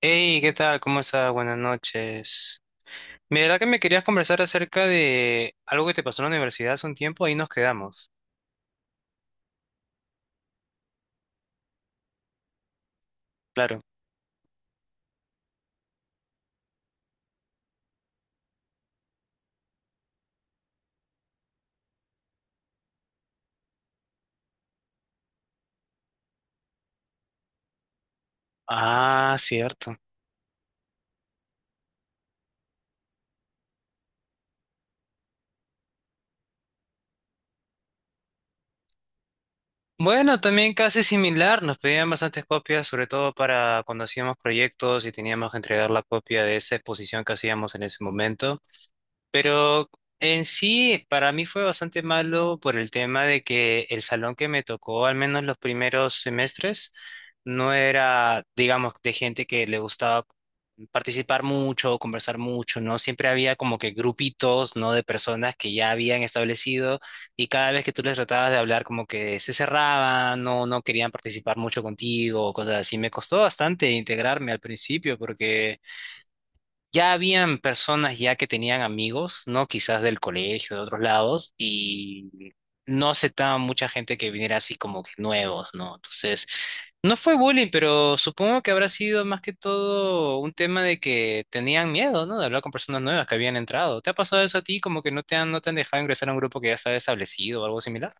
Hey, ¿qué tal? ¿Cómo estás? Buenas noches. Mira que me querías conversar acerca de algo que te pasó en la universidad hace un tiempo, ahí nos quedamos. Claro. Ah, cierto. Bueno, también casi similar, nos pedían bastantes copias, sobre todo para cuando hacíamos proyectos y teníamos que entregar la copia de esa exposición que hacíamos en ese momento. Pero en sí, para mí fue bastante malo por el tema de que el salón que me tocó, al menos los primeros semestres, no era, digamos, de gente que le gustaba participar mucho, conversar mucho, ¿no? Siempre había como que grupitos, ¿no? De personas que ya habían establecido y cada vez que tú les tratabas de hablar como que se cerraban, no, no querían participar mucho contigo, o cosas así. Me costó bastante integrarme al principio porque... Ya habían personas ya que tenían amigos, ¿no? Quizás del colegio, de otros lados, y no aceptaban mucha gente que viniera así como que nuevos, ¿no? Entonces, no fue bullying, pero supongo que habrá sido más que todo un tema de que tenían miedo, ¿no? De hablar con personas nuevas que habían entrado. ¿Te ha pasado eso a ti? Como que no te han dejado ingresar a un grupo que ya estaba establecido o algo similar.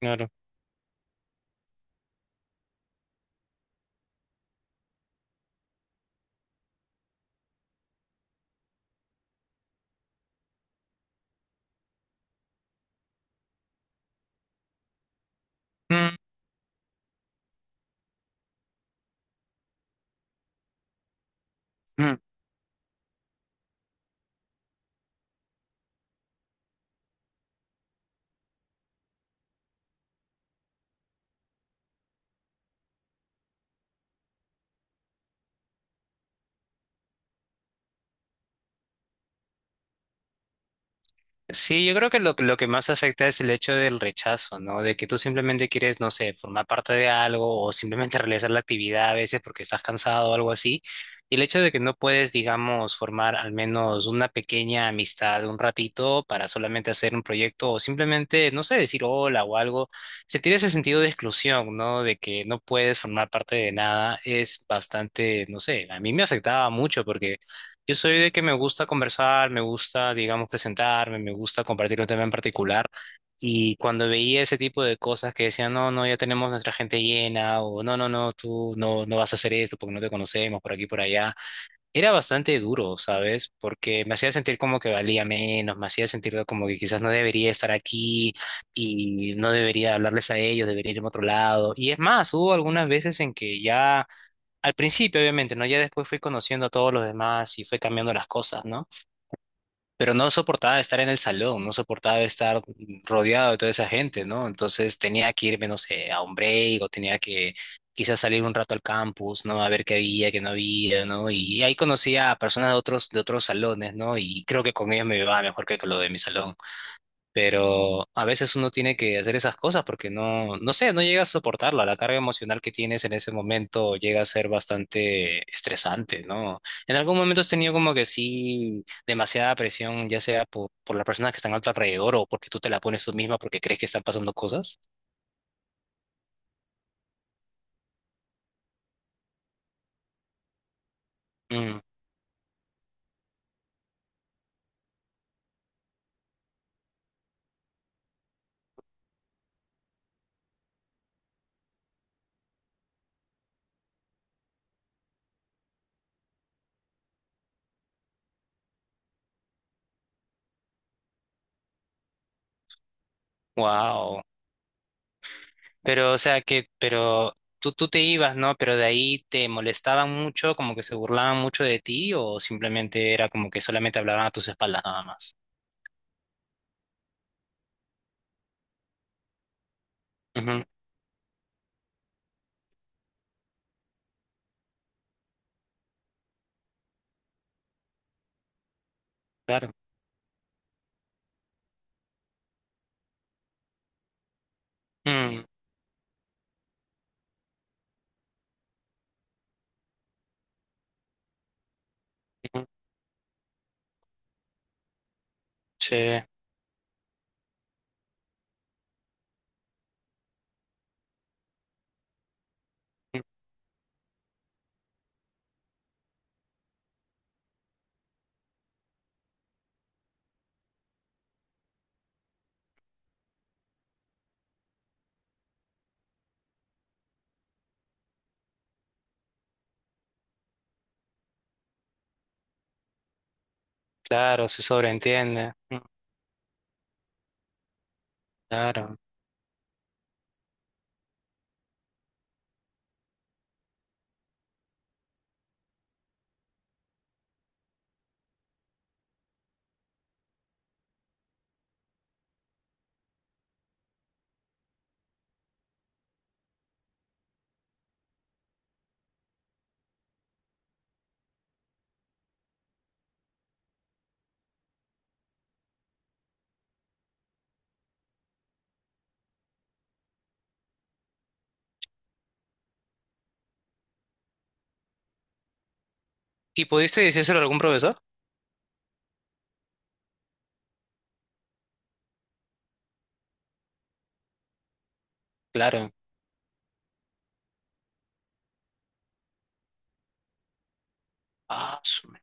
Claro. Mm, mm. Sí, yo creo que lo que más afecta es el hecho del rechazo, ¿no? De que tú simplemente quieres, no sé, formar parte de algo o simplemente realizar la actividad a veces porque estás cansado o algo así. Y el hecho de que no puedes, digamos, formar al menos una pequeña amistad un ratito para solamente hacer un proyecto o simplemente, no sé, decir hola o algo, sentir ese sentido de exclusión, ¿no? De que no puedes formar parte de nada es bastante, no sé, a mí me afectaba mucho porque... Yo soy de que me gusta conversar, me gusta, digamos, presentarme, me gusta compartir un tema en particular. Y cuando veía ese tipo de cosas que decían, no, no, ya tenemos nuestra gente llena, o no, no, no, tú no, no vas a hacer esto porque no te conocemos por aquí, por allá, era bastante duro, ¿sabes? Porque me hacía sentir como que valía menos, me hacía sentir como que quizás no debería estar aquí y no debería hablarles a ellos, debería irme a otro lado. Y es más, hubo algunas veces en que ya al principio, obviamente, ¿no? Ya después fui conociendo a todos los demás y fue cambiando las cosas, ¿no? Pero no soportaba estar en el salón, no soportaba estar rodeado de toda esa gente, ¿no? Entonces tenía que irme, no sé, a un break o tenía que quizás salir un rato al campus, ¿no? A ver qué había, qué no había, ¿no? Y ahí conocía a personas de otros salones, ¿no? Y creo que con ellos me iba mejor que con lo de mi salón. Pero a veces uno tiene que hacer esas cosas porque no, no sé, no llega a soportarla. La carga emocional que tienes en ese momento llega a ser bastante estresante, ¿no? En algún momento has tenido como que sí, demasiada presión, ya sea por las personas que están a tu alrededor o porque tú te la pones tú misma porque crees que están pasando cosas. Mm, wow. Pero, o sea, que, pero tú te ibas, ¿no? Pero de ahí te molestaban mucho, como que se burlaban mucho de ti o simplemente era como que solamente hablaban a tus espaldas nada más. Ujú, claro. Mm, mm, sí, mm, claro, se sobreentiende. Mm, claro. ¿Y pudiste decírselo a algún profesor? Claro. Ah, su me-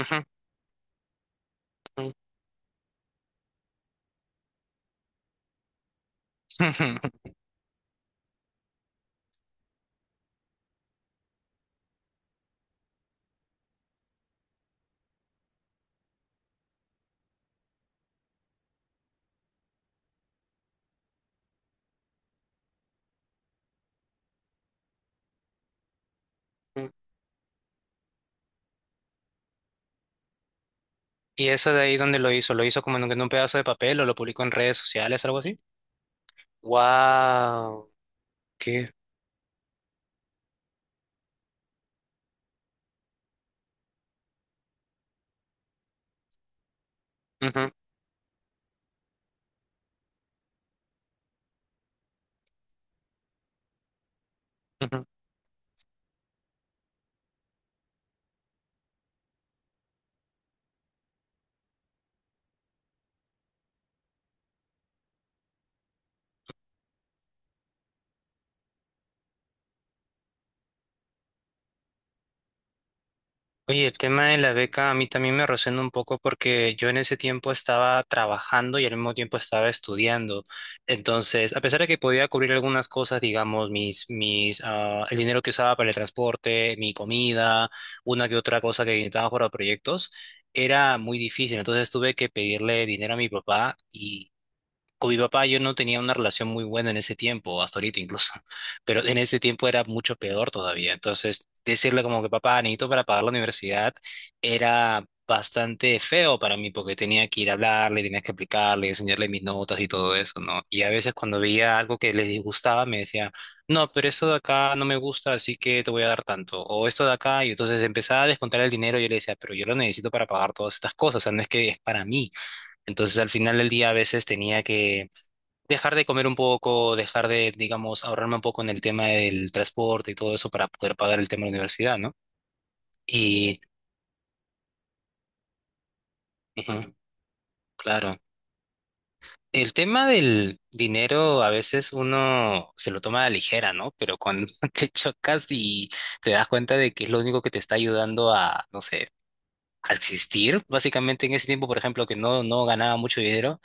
Ujú, ujú. Ujú. ¿Y eso de ahí dónde lo hizo? ¿Lo hizo como en un pedazo de papel o lo publicó en redes sociales, algo así? Wow, qué. Ujú, ujú. Oye, el tema de la beca a mí también me resuena un poco porque yo en ese tiempo estaba trabajando y al mismo tiempo estaba estudiando. Entonces, a pesar de que podía cubrir algunas cosas, digamos, mis el dinero que usaba para el transporte, mi comida, una que otra cosa que necesitaba para proyectos, era muy difícil. Entonces tuve que pedirle dinero a mi papá y con mi papá yo no tenía una relación muy buena en ese tiempo, hasta ahorita incluso, pero en ese tiempo era mucho peor todavía. Entonces, decirle como que papá, necesito para pagar la universidad, era bastante feo para mí porque tenía que ir a hablarle, tenía que explicarle, enseñarle mis notas y todo eso, ¿no? Y a veces cuando veía algo que les disgustaba, me decía, no, pero esto de acá no me gusta, así que te voy a dar tanto, o esto de acá, y entonces empezaba a descontar el dinero y yo le decía, pero yo lo necesito para pagar todas estas cosas, o sea, no es que es para mí. Entonces, al final del día a veces tenía que dejar de comer un poco, dejar de, digamos, ahorrarme un poco en el tema del transporte y todo eso para poder pagar el tema de la universidad, ¿no? Y, ujú, claro. El tema del dinero a veces uno se lo toma a la ligera, ¿no? Pero cuando te chocas y te das cuenta de que es lo único que te está ayudando a, no sé, a existir, básicamente en ese tiempo, por ejemplo, que no ganaba mucho dinero,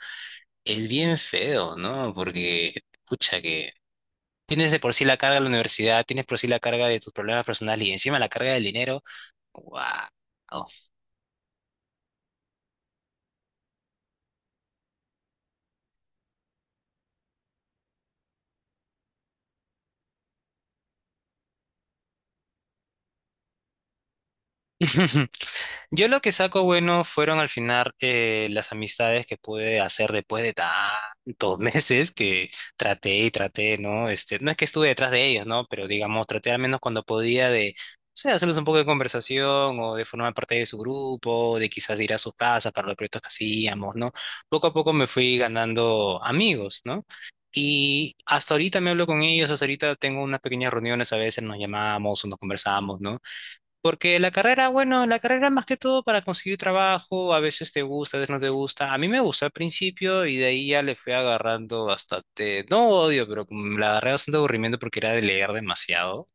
es bien feo, ¿no? Porque, pucha, que tienes de por sí la carga de la universidad, tienes por sí la carga de tus problemas personales y encima la carga del dinero. ¡Wow! Yo lo que saco bueno fueron al final las amistades que pude hacer después de tantos meses que traté y traté, ¿no? Este, no es que estuve detrás de ellos, ¿no? Pero digamos, traté al menos cuando podía de, o sea, hacerles un poco de conversación o de formar parte de su grupo, de quizás ir a sus casas para los proyectos que hacíamos, ¿no? Poco a poco me fui ganando amigos, ¿no? Y hasta ahorita me hablo con ellos, hasta ahorita tengo unas pequeñas reuniones, a veces nos llamamos o nos conversamos, ¿no? Porque la carrera, bueno, la carrera más que todo para conseguir trabajo, a veces te gusta, a veces no te gusta. A mí me gustó al principio y de ahí ya le fui agarrando bastante, no odio, pero como la agarré bastante aburrimiento porque era de leer demasiado.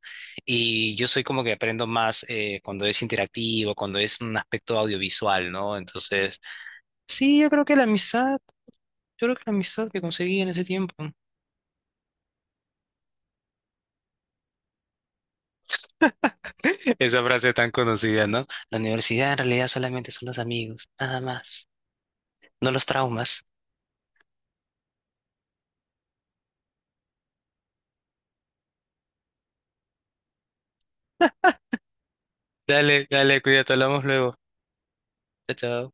Y yo soy como que aprendo más cuando es interactivo, cuando es un aspecto audiovisual, ¿no? Entonces, sí, yo creo que la amistad, yo creo que la amistad que conseguí en ese tiempo. Esa frase tan conocida, ¿no? La universidad en realidad solamente son los amigos, nada más, no los traumas. Dale, dale, cuídate, hablamos luego. Chao, chao.